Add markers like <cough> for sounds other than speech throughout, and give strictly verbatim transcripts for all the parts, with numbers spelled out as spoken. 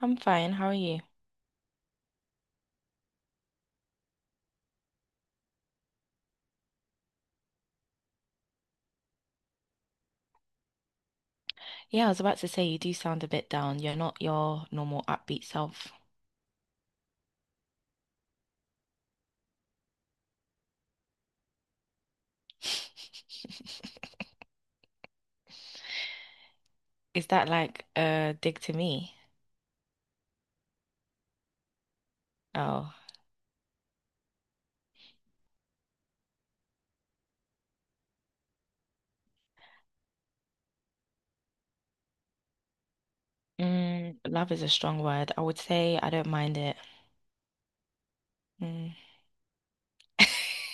I'm fine. How are you? Yeah, I was about to say you do sound a bit down. You're not your normal upbeat self. <laughs> Is that like a dig to me? Oh, mm, love is a strong word. I would say I don't mind it. Mm. <laughs>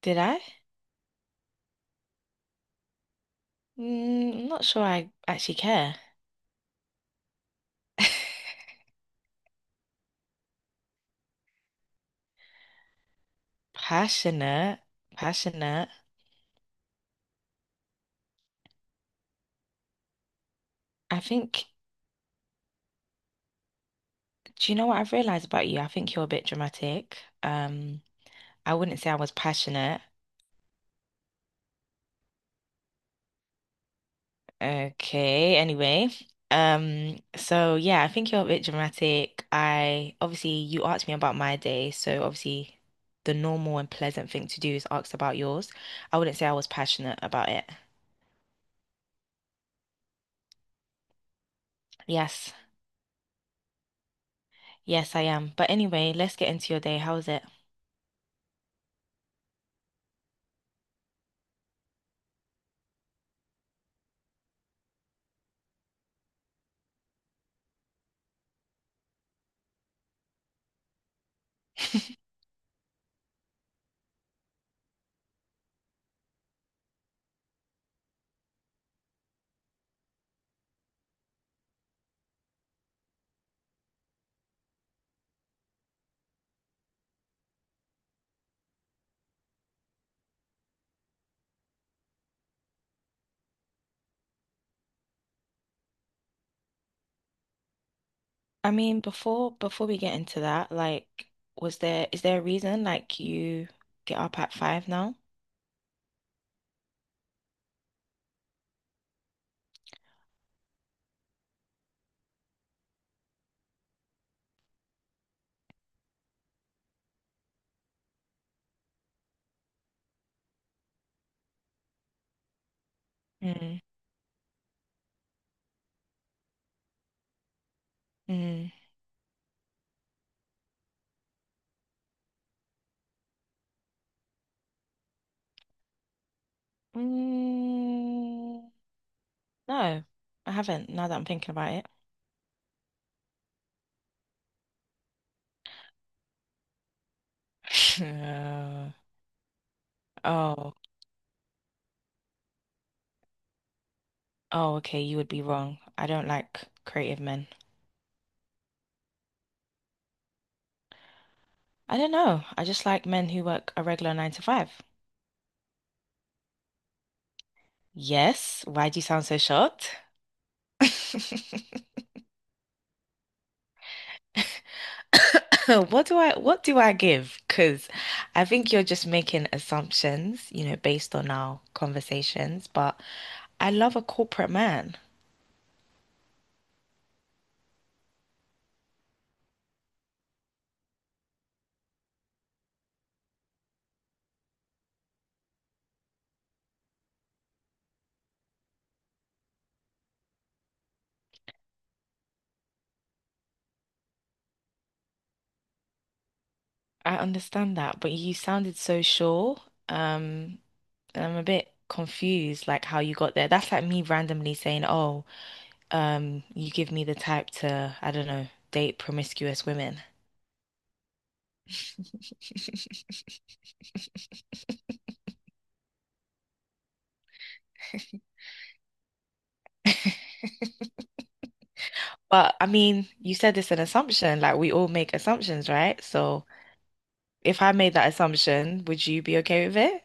Did I? Mm, I'm not sure I actually care. <laughs> Passionate, passionate. I think, do you know what I've realized about you? I think you're a bit dramatic. Um, I wouldn't say I was passionate. Okay, anyway. Um, so yeah, I think you're a bit dramatic. I obviously you asked me about my day, so obviously the normal and pleasant thing to do is ask about yours. I wouldn't say I was passionate about it. Yes, yes, I am. But anyway, let's get into your day. How was it? I mean, before before we get into that, like, was there is there a reason like you get up at five now? Mm. Mm. Mm, no, I haven't, now that I'm thinking about it. <laughs> Uh, oh, oh, okay, you would be wrong. I don't like creative men. I don't know. I just like men who work a regular nine to five. Yes, why do you sound so shocked? <laughs> <coughs> What do I what do I give? Because I think you're just making assumptions, you know, based on our conversations, but I love a corporate man. I understand that, but you sounded so sure. Um, I'm a bit confused, like how you got there. That's like me randomly saying, "Oh, um, you give me the type to, I don't know, date promiscuous women." <laughs> But I mean, you said it's an assumption. Like we all make assumptions, right? So if I made that assumption, would you be okay with it?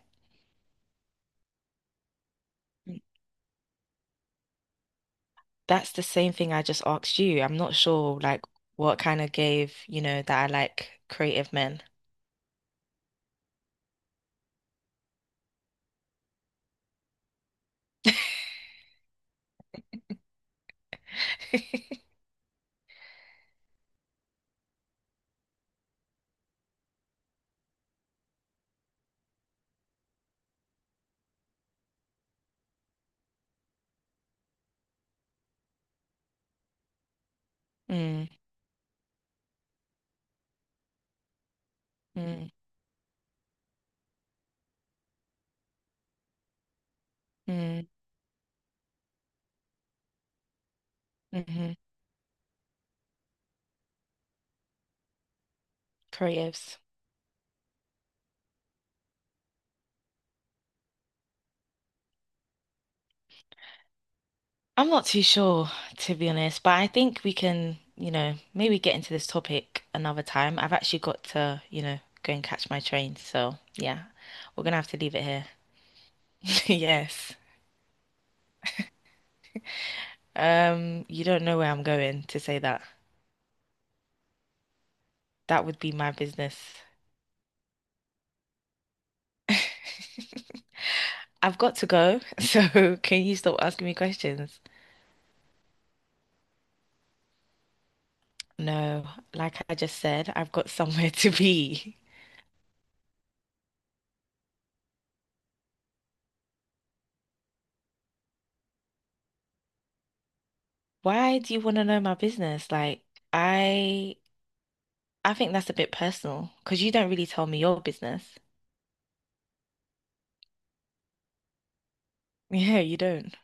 That's the same thing I just asked you. I'm not sure like what kind of gave, you know, that I like creative men. <laughs> Mm, mm, mm, hmm Creatives. I'm not too sure, to be honest, but I think we can, you know, maybe get into this topic another time. I've actually got to, you know, go and catch my train. So, yeah, we're gonna have to leave it here. <laughs> Yes. Um, you don't know where I'm going to say that. That would be my business. <laughs> I've got to go, <laughs> so can you stop asking me questions? No, like I just said, I've got somewhere to be. Why do you want to know my business? Like, I I think that's a bit personal because you don't really tell me your business. <laughs> Yeah, you don't.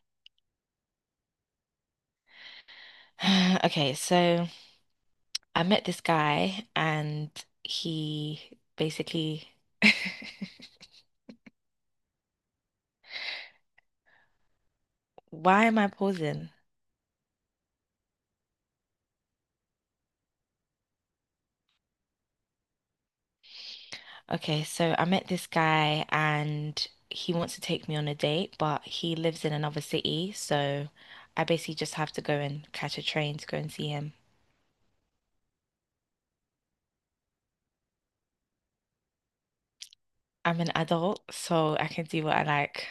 <sighs> Okay, so I met this guy and he basically <laughs> why am I pausing? Okay, so I met this guy and he wants to take me on a date, but he lives in another city, so I basically just have to go and catch a train to go and see him. I'm an adult, so I can do what I like.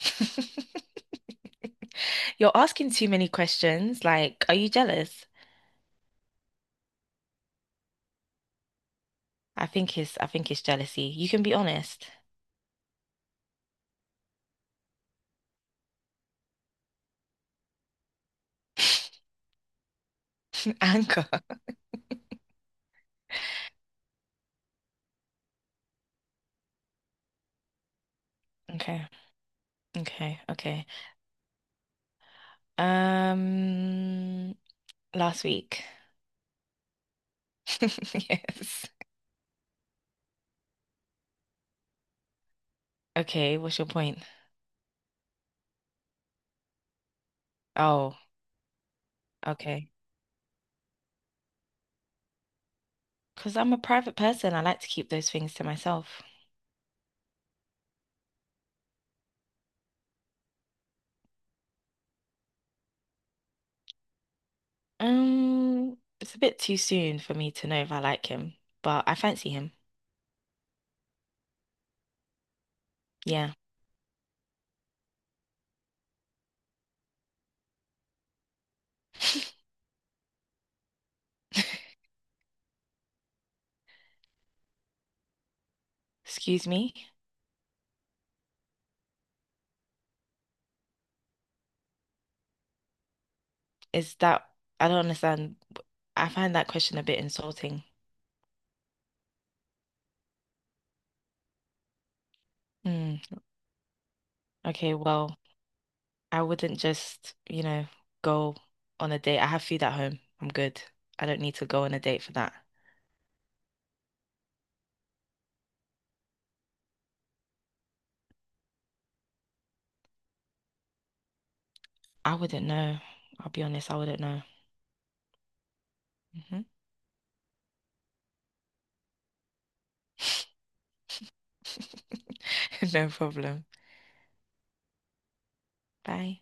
<laughs> You're asking too many questions. Like, are you jealous? I think it's I think it's jealousy. You can be honest. <laughs> Anger. Okay. Okay. Okay. Um, last week. <laughs> Yes. Okay, what's your point? Oh, okay. Because I'm a private person, I like to keep those things to myself. Um, it's a bit too soon for me to know if I like him, but I fancy him. Yeah. <laughs> Excuse me? Is that, I don't understand. I find that question a bit insulting. Hmm. Okay, well, I wouldn't just, you know, go on a date. I have food at home. I'm good. I don't need to go on a date for that. I wouldn't know. I'll be honest, I wouldn't know. Mhm. <laughs> No problem. Bye.